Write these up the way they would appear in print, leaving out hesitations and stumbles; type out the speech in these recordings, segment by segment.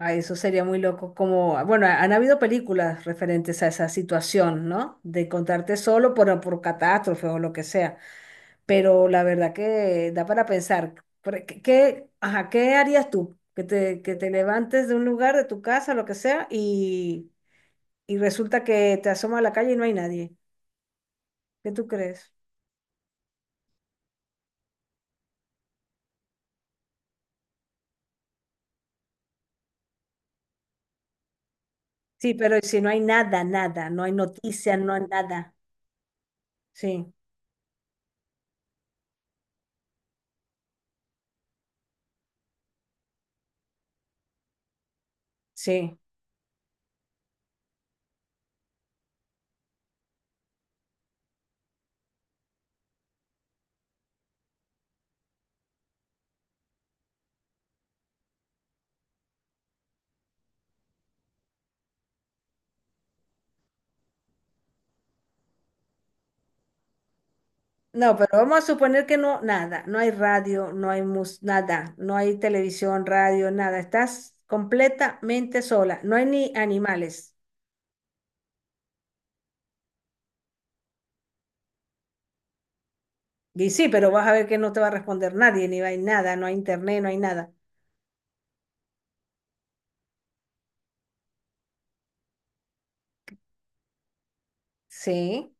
Ay, eso sería muy loco. Como, bueno, han habido películas referentes a esa situación, ¿no? De encontrarte solo por catástrofe o lo que sea. Pero la verdad que da para pensar. ¿Qué harías tú? Que te levantes de un lugar, de tu casa, lo que sea, y resulta que te asomas a la calle y no hay nadie. ¿Qué tú crees? Sí, pero si no hay nada, nada, no hay noticia, no hay nada. Sí, sí. No, pero vamos a suponer que no, nada, no hay radio, no hay mus, nada, no hay televisión, radio, nada, estás completamente sola, no hay ni animales. Y sí, pero vas a ver que no te va a responder nadie, ni hay nada, no hay internet, no hay nada. Sí,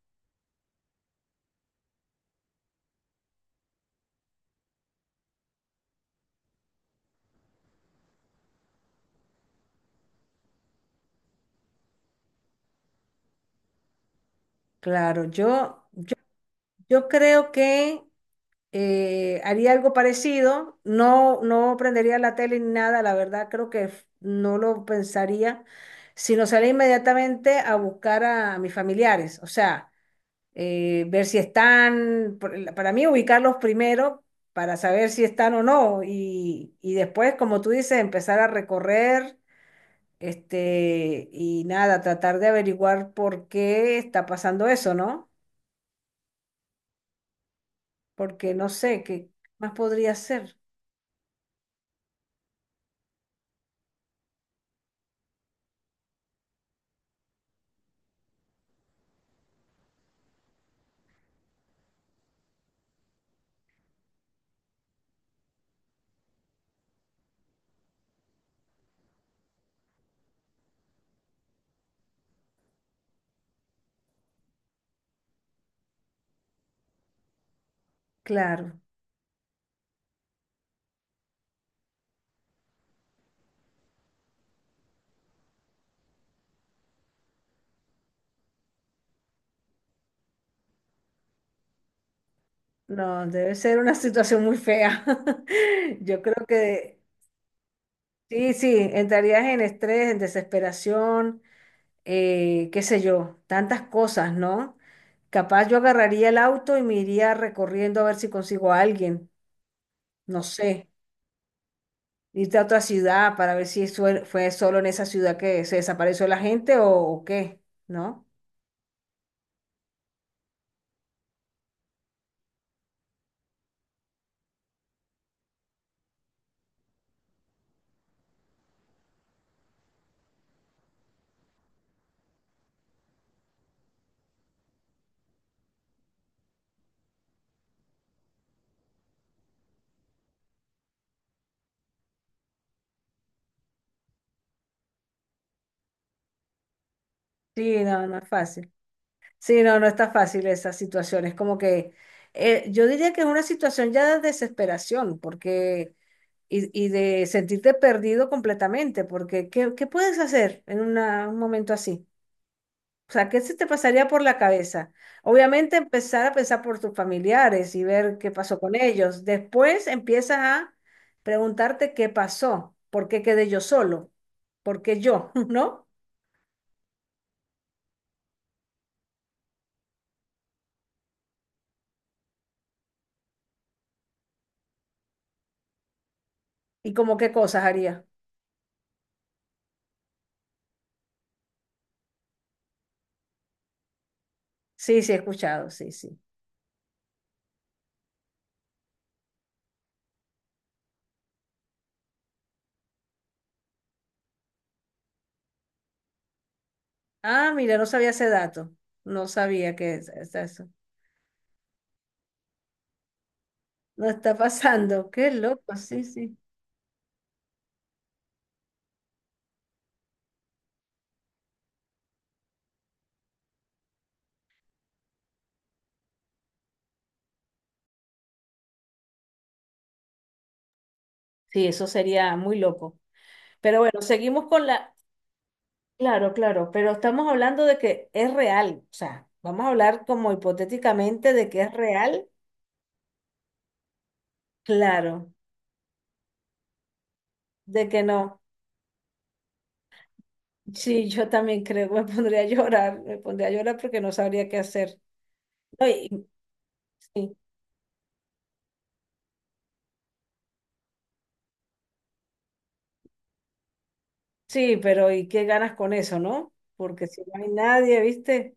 claro, yo creo que haría algo parecido, no, no prendería la tele ni nada, la verdad creo que no lo pensaría, sino salir inmediatamente a buscar a mis familiares, o sea. Ver si están, para mí ubicarlos primero para saber si están o no y, y después, como tú dices, empezar a recorrer este, y nada, tratar de averiguar por qué está pasando eso, ¿no? Porque no sé, ¿qué más podría ser? Claro, no, debe ser una situación muy fea. Yo creo que sí, sí, entrarías en estrés, en desesperación. Qué sé yo, tantas cosas, ¿no? Capaz yo agarraría el auto y me iría recorriendo a ver si consigo a alguien, no sé, irte a otra ciudad para ver si fue solo en esa ciudad que se desapareció la gente o qué, ¿no? Sí, no, no es fácil. Sí, no, no está fácil esa situación. Es como que yo diría que es una situación ya de desesperación, porque y de sentirte perdido completamente, porque ¿qué, qué puedes hacer en un momento así? O sea, ¿qué se te pasaría por la cabeza? Obviamente empezar a pensar por tus familiares y ver qué pasó con ellos. Después empiezas a preguntarte qué pasó, por qué quedé yo solo, por qué yo, ¿no? Y como qué cosas haría. Sí, sí, he escuchado, sí, sí. Ah, mira, no sabía ese dato. No sabía que es eso. No está pasando. Qué loco, sí, sí. Sí, eso sería muy loco. Pero bueno, seguimos con la, claro, claro, pero estamos hablando de que es real, o sea, vamos a hablar como hipotéticamente de que es real, claro, de que no. Sí, yo también creo, me pondría a llorar, me pondría a llorar porque no sabría qué hacer. No, y- Sí, sí, pero ¿y qué ganas con eso, no? Porque si no hay nadie, ¿viste?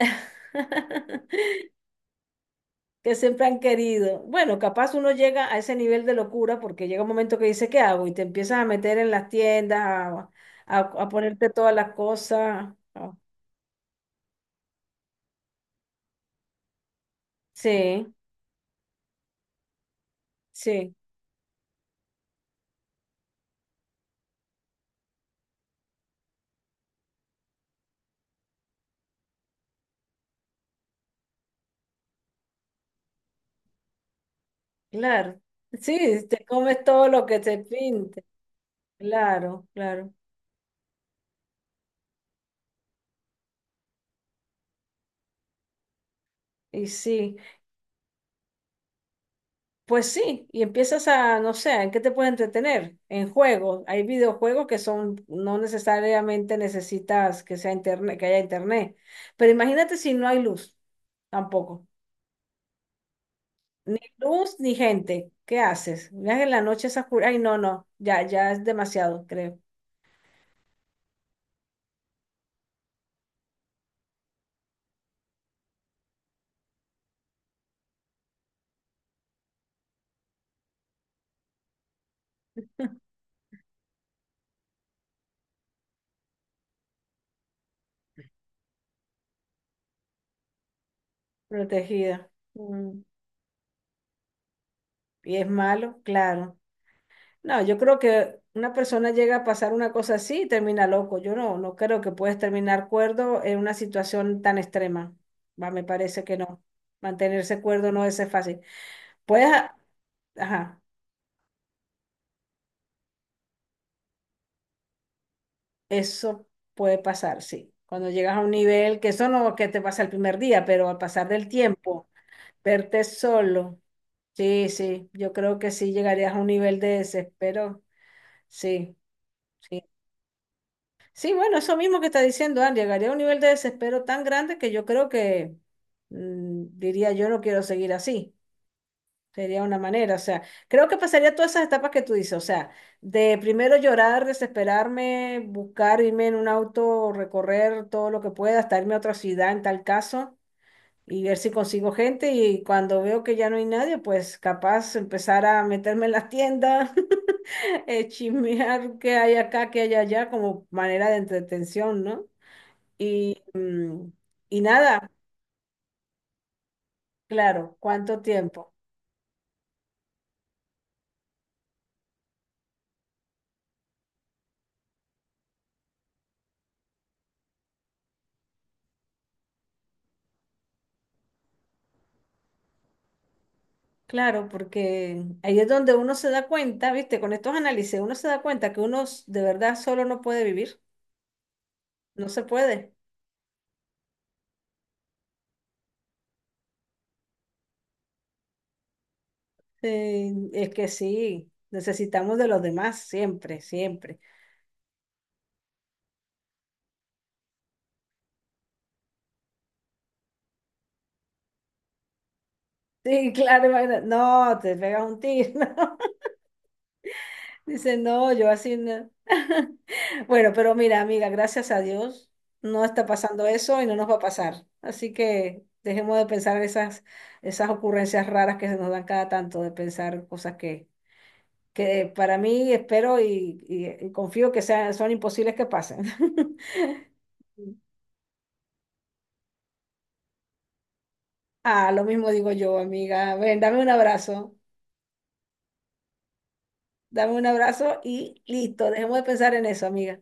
Que siempre han querido. Bueno, capaz uno llega a ese nivel de locura porque llega un momento que dice, ¿qué hago? Y te empiezas a meter en las tiendas, a ponerte todas las cosas. Ah, sí, sí, claro. Sí, te comes todo lo que te pinte. Claro, claro. Y sí, pues sí, y empiezas a, no sé, ¿en qué te puedes entretener? En juegos. Hay videojuegos que son, no necesariamente necesitas que haya internet. Pero imagínate si no hay luz, tampoco. Ni luz ni gente. ¿Qué haces? Miras en la noche esa oscura. Ay, no, no. Ya, ya es demasiado, creo. Protegida. Y es malo, claro. No, yo creo que una persona llega a pasar una cosa así y termina loco. Yo no, no creo que puedes terminar cuerdo en una situación tan extrema. Va, me parece que no. Mantenerse cuerdo no es fácil. Puedes, a- ajá, eso puede pasar, sí. Cuando llegas a un nivel, que eso no que te pasa el primer día, pero al pasar del tiempo. Verte solo. Sí, sí, yo creo que sí llegarías a un nivel de desespero. Sí, sí. Sí, bueno, eso mismo que está diciendo Andy, llegaría a un nivel de desespero tan grande que yo creo que diría yo no quiero seguir así. Sería una manera, o sea, creo que pasaría todas esas etapas que tú dices, o sea, de primero llorar, desesperarme, buscar irme en un auto, recorrer todo lo que pueda, hasta irme a otra ciudad en tal caso y ver si consigo gente y cuando veo que ya no hay nadie, pues capaz empezar a meterme en la tienda, chismear qué hay acá, qué hay allá, como manera de entretención, ¿no? Y, y nada, claro, ¿cuánto tiempo? Claro, porque ahí es donde uno se da cuenta, ¿viste? Con estos análisis uno se da cuenta que de verdad solo no puede vivir, no se puede. Es que sí, necesitamos de los demás siempre, siempre. Sí, claro, imagínate. No, te pegas un tiro. Dice, no, yo así no. Bueno, pero mira, amiga, gracias a Dios no está pasando eso y no nos va a pasar. Así que dejemos de pensar esas, esas ocurrencias raras que se nos dan cada tanto, de pensar cosas que para mí espero y confío que sean, son imposibles que pasen. Ah, lo mismo digo yo, amiga. Ven, dame un abrazo. Dame un abrazo y listo, dejemos de pensar en eso, amiga.